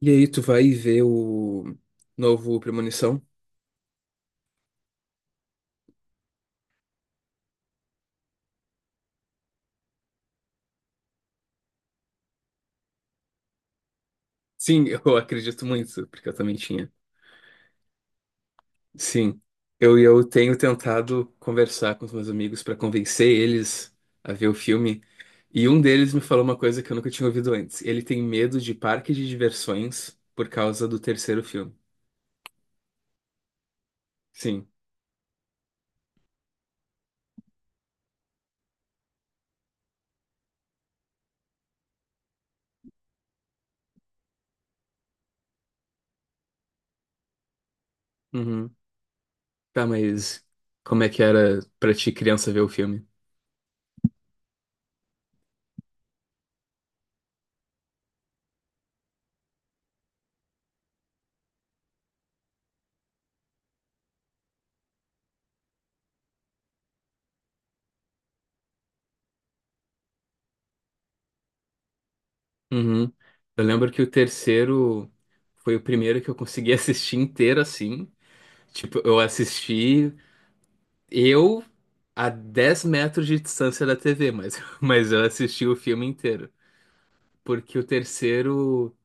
E aí, tu vai ver o novo Premonição? Sim, eu acredito muito, porque eu também tinha. Sim, eu tenho tentado conversar com os meus amigos para convencer eles a ver o filme. E um deles me falou uma coisa que eu nunca tinha ouvido antes. Ele tem medo de parque de diversões por causa do terceiro filme. Sim. Uhum. Tá, mas como é que era pra ti, criança, ver o filme? Uhum. Eu lembro que o terceiro foi o primeiro que eu consegui assistir inteiro assim. Tipo, eu assisti eu a 10 metros de distância da TV, mas, mas eu assisti o filme inteiro. Porque o terceiro.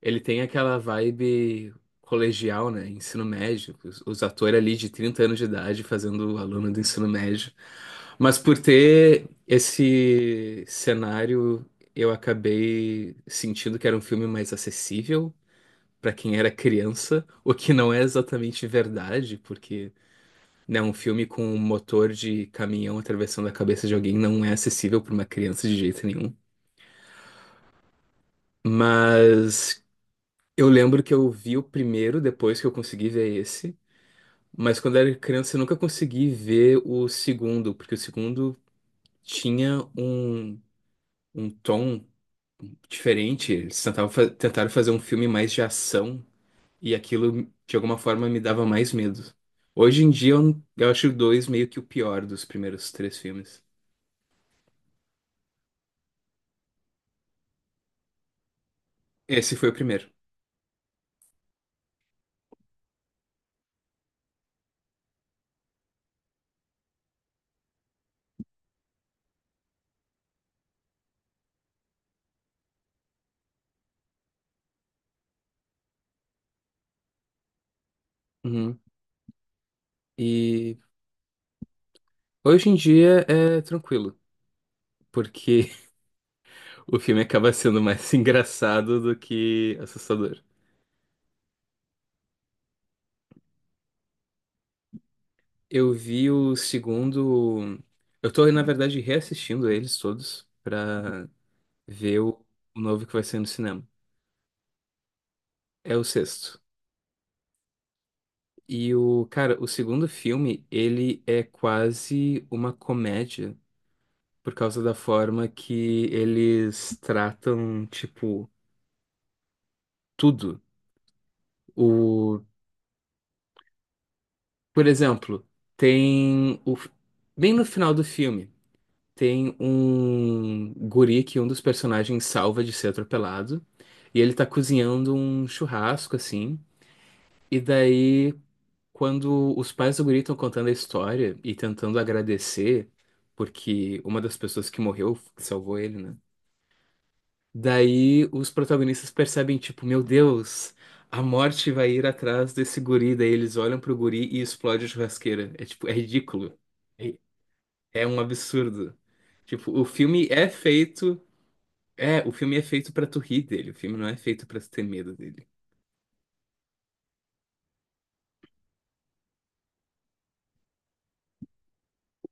Ele tem aquela vibe colegial, né? Ensino médio. Os atores ali de 30 anos de idade fazendo o aluno do ensino médio. Mas por ter esse cenário, eu acabei sentindo que era um filme mais acessível para quem era criança, o que não é exatamente verdade, porque, né, um filme com um motor de caminhão atravessando a cabeça de alguém não é acessível para uma criança de jeito nenhum. Mas eu lembro que eu vi o primeiro depois que eu consegui ver esse, mas quando era criança eu nunca consegui ver o segundo, porque o segundo tinha um tom diferente. Eles tentaram fazer um filme mais de ação e aquilo de alguma forma me dava mais medo. Hoje em dia eu acho o dois meio que o pior dos primeiros três filmes. Esse foi o primeiro. Uhum. E hoje em dia é tranquilo, porque o filme acaba sendo mais engraçado do que assustador. Eu vi o segundo. Eu tô, na verdade, reassistindo eles todos pra ver o novo que vai ser no cinema. É o sexto. E o, cara, o segundo filme, ele é quase uma comédia por causa da forma que eles tratam, tipo, tudo. O, por exemplo, tem bem no final do filme. Tem um guri que um dos personagens salva de ser atropelado. E ele tá cozinhando um churrasco, assim. E daí, quando os pais do guri estão contando a história e tentando agradecer, porque uma das pessoas que morreu, que salvou ele, né? Daí os protagonistas percebem, tipo, meu Deus, a morte vai ir atrás desse guri. Daí eles olham pro guri e explode a churrasqueira. É tipo, é ridículo. É é um absurdo. Tipo, o filme é feito. É, o filme é feito pra tu rir dele, o filme não é feito pra tu ter medo dele.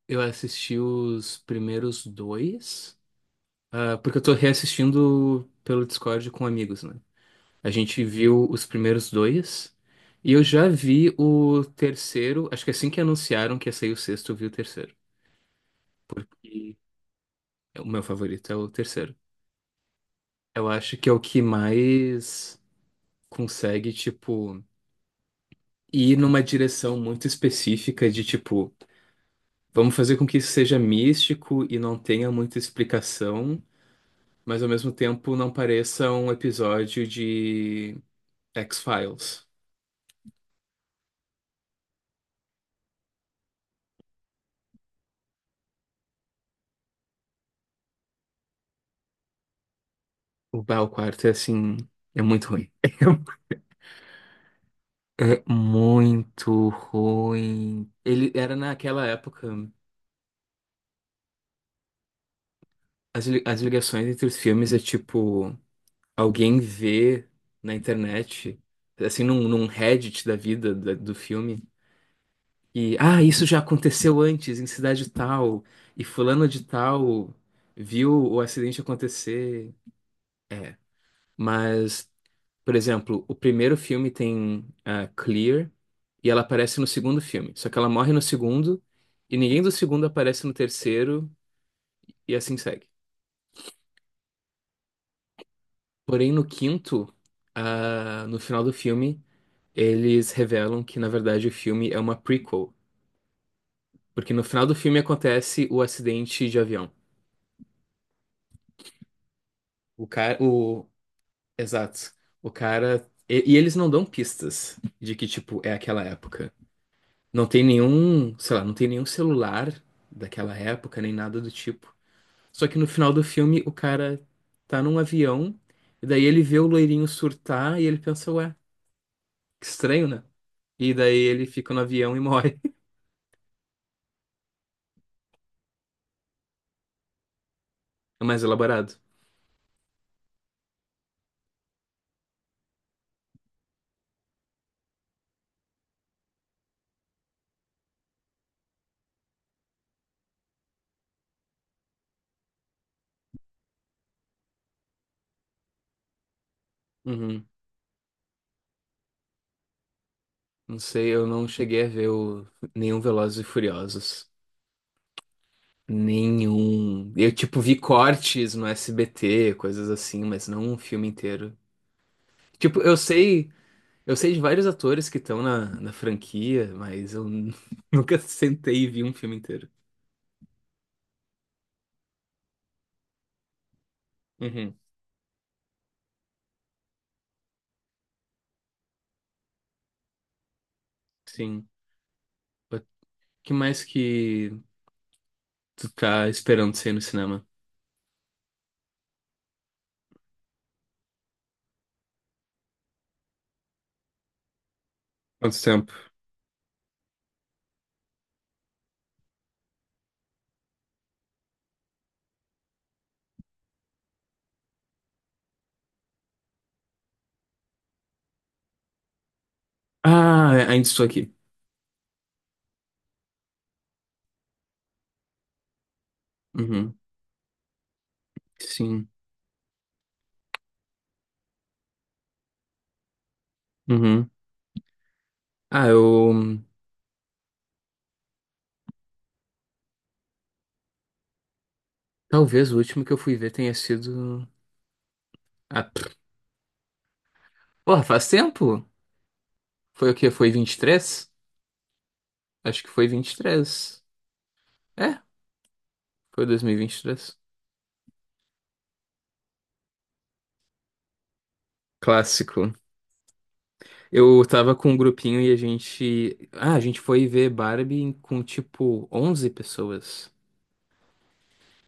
Eu assisti os primeiros dois, ah, porque eu tô reassistindo pelo Discord com amigos, né? A gente viu os primeiros dois, e eu já vi o terceiro, acho que assim que anunciaram que ia sair o sexto, eu vi o terceiro. E o meu favorito é o terceiro. Eu acho que é o que mais consegue, tipo, ir numa direção muito específica de, tipo. Vamos fazer com que isso seja místico e não tenha muita explicação, mas ao mesmo tempo não pareça um episódio de X-Files. O Bah, o quarto é assim, é muito ruim. É muito ruim. Ele era naquela época, as ligações entre os filmes é tipo, alguém vê na internet, assim, num Reddit da vida do filme. E, ah, isso já aconteceu antes, em cidade tal, e fulano de tal viu o acidente acontecer. É, mas, por exemplo, o primeiro filme tem a Clear e ela aparece no segundo filme, só que ela morre no segundo e ninguém do segundo aparece no terceiro e assim segue. Porém, no quinto, ah, no final do filme, eles revelam que, na verdade, o filme é uma prequel, porque no final do filme acontece o acidente de avião. O cara, o. Exato. O cara. E eles não dão pistas de que, tipo, é aquela época. Não tem nenhum, sei lá, não tem nenhum celular daquela época, nem nada do tipo. Só que no final do filme, o cara tá num avião, e daí ele vê o loirinho surtar e ele pensa, ué, que estranho, né? E daí ele fica no avião e morre. É mais elaborado. Uhum. Não sei, eu não cheguei a ver nenhum Velozes e Furiosos. Nenhum. Eu, tipo, vi cortes no SBT, coisas assim, mas não um filme inteiro. Tipo, eu sei de vários atores que estão na franquia, mas eu nunca sentei e vi um filme inteiro. Uhum, sim. O que mais que tu tá esperando sair no cinema? Quanto tempo? Ah, ainda estou aqui. Uhum, sim. Uhum. Ah, eu. Talvez o último que eu fui ver tenha sido. Ah, pff, porra, faz tempo? Foi o quê? Foi 23. Acho que foi 23. É, foi 2023. Clássico. Eu tava com um grupinho e a gente. Ah, a gente foi ver Barbie com tipo 11 pessoas.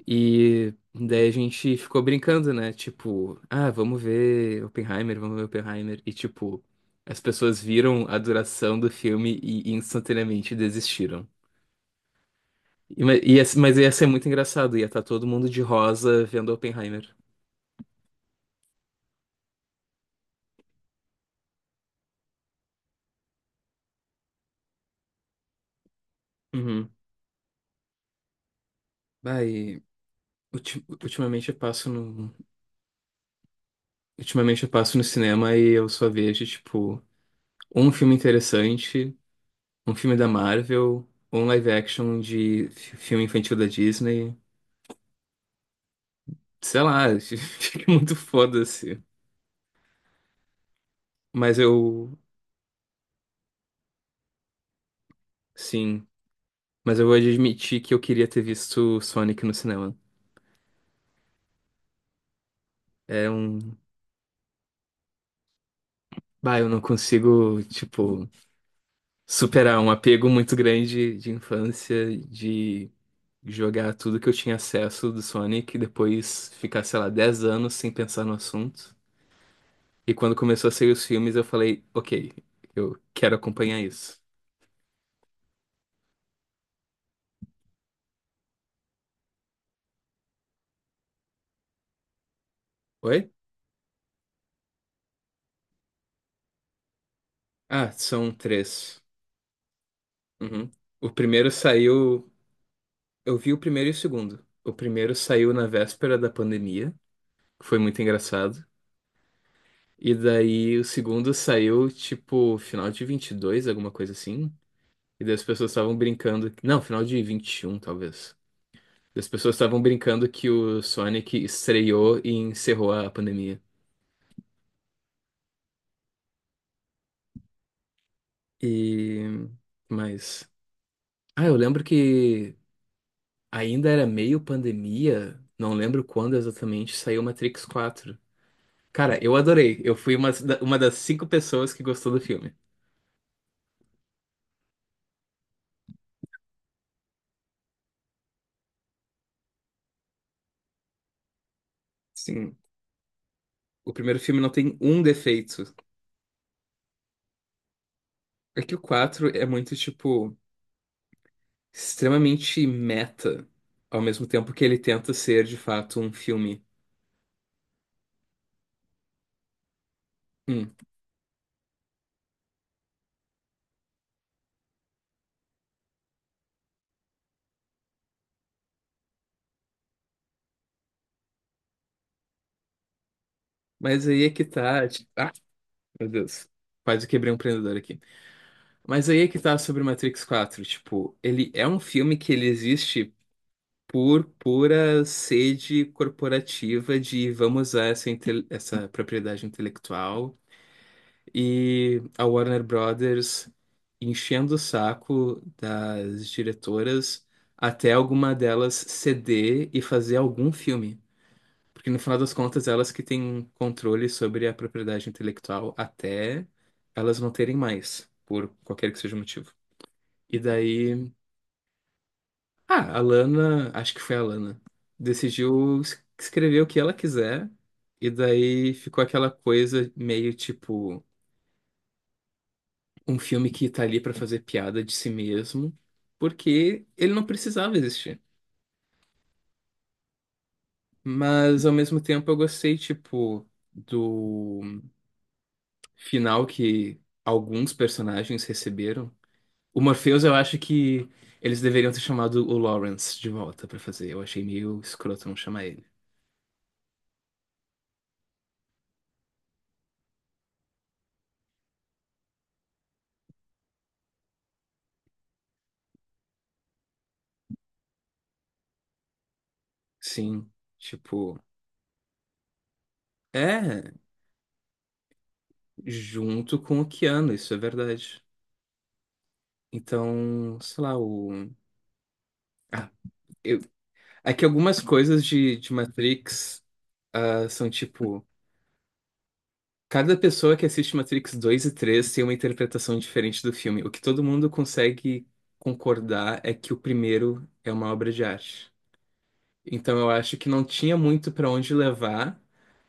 E daí a gente ficou brincando, né? Tipo, ah, vamos ver Oppenheimer, vamos ver Oppenheimer. E tipo, as pessoas viram a duração do filme e instantaneamente desistiram. E, mas ia ser muito engraçado, ia estar todo mundo de rosa vendo Oppenheimer. Uhum. Vai. Ultimamente eu passo no cinema e eu só vejo, tipo, um filme interessante, um filme da Marvel, um live action de filme infantil da Disney. Sei lá, fica muito foda-se. Mas eu, sim, mas eu vou admitir que eu queria ter visto Sonic no cinema. É um, bah, eu não consigo, tipo, superar um apego muito grande de infância, de jogar tudo que eu tinha acesso do Sonic, e depois ficar, sei lá, 10 anos sem pensar no assunto. E quando começou a sair os filmes, eu falei, ok, eu quero acompanhar isso. Oi? Ah, são três. Uhum. O primeiro saiu. Eu vi o primeiro e o segundo. O primeiro saiu na véspera da pandemia, que foi muito engraçado. E daí o segundo saiu, tipo, final de 22 alguma coisa assim. E daí as pessoas estavam brincando. Não, final de 21 talvez. As pessoas estavam brincando que o Sonic estreou e encerrou a pandemia. E. Mas. Ah, eu lembro que ainda era meio pandemia, não lembro quando exatamente saiu Matrix 4. Cara, eu adorei. Eu fui uma das cinco pessoas que gostou do filme. Sim, o primeiro filme não tem um defeito. É que o 4 é muito, tipo, extremamente meta, ao mesmo tempo que ele tenta ser, de fato, um filme. Hum. Mas aí é que tá. Tipo, ah, meu Deus. Quase quebrei um empreendedor aqui. Mas aí é que tá sobre Matrix quatro. Tipo, ele é um filme que ele existe por pura sede corporativa de vamos usar essa propriedade intelectual e a Warner Brothers enchendo o saco das diretoras até alguma delas ceder e fazer algum filme. Porque no final das contas, elas que têm controle sobre a propriedade intelectual até elas não terem mais, por qualquer que seja o motivo. E daí, ah, a Lana, acho que foi a Lana, decidiu escrever o que ela quiser, e daí ficou aquela coisa meio tipo um filme que tá ali pra fazer piada de si mesmo, porque ele não precisava existir. Mas ao mesmo tempo eu gostei, tipo, do final que alguns personagens receberam. O Morpheus, eu acho que eles deveriam ter chamado o Lawrence de volta pra fazer. Eu achei meio escroto não chamar ele. Sim, tipo, é junto com o Keanu, isso é verdade. Então, sei lá, o. Ah, eu. É que algumas coisas de Matrix, ah, são tipo. Cada pessoa que assiste Matrix 2 e 3 tem uma interpretação diferente do filme. O que todo mundo consegue concordar é que o primeiro é uma obra de arte. Então eu acho que não tinha muito pra onde levar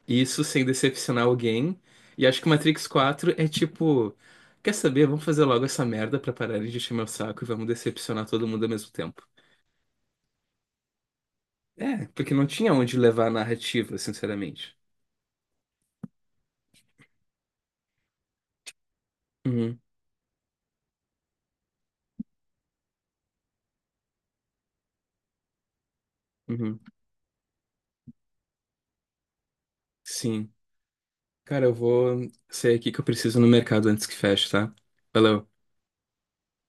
isso sem decepcionar alguém. E acho que Matrix 4 é tipo, quer saber? Vamos fazer logo essa merda pra parar de encher meu saco e vamos decepcionar todo mundo ao mesmo tempo. É, porque não tinha onde levar a narrativa, sinceramente. Uhum, uhum. Sim. Cara, eu vou sair aqui que eu preciso ir no mercado antes que feche, tá? Valeu.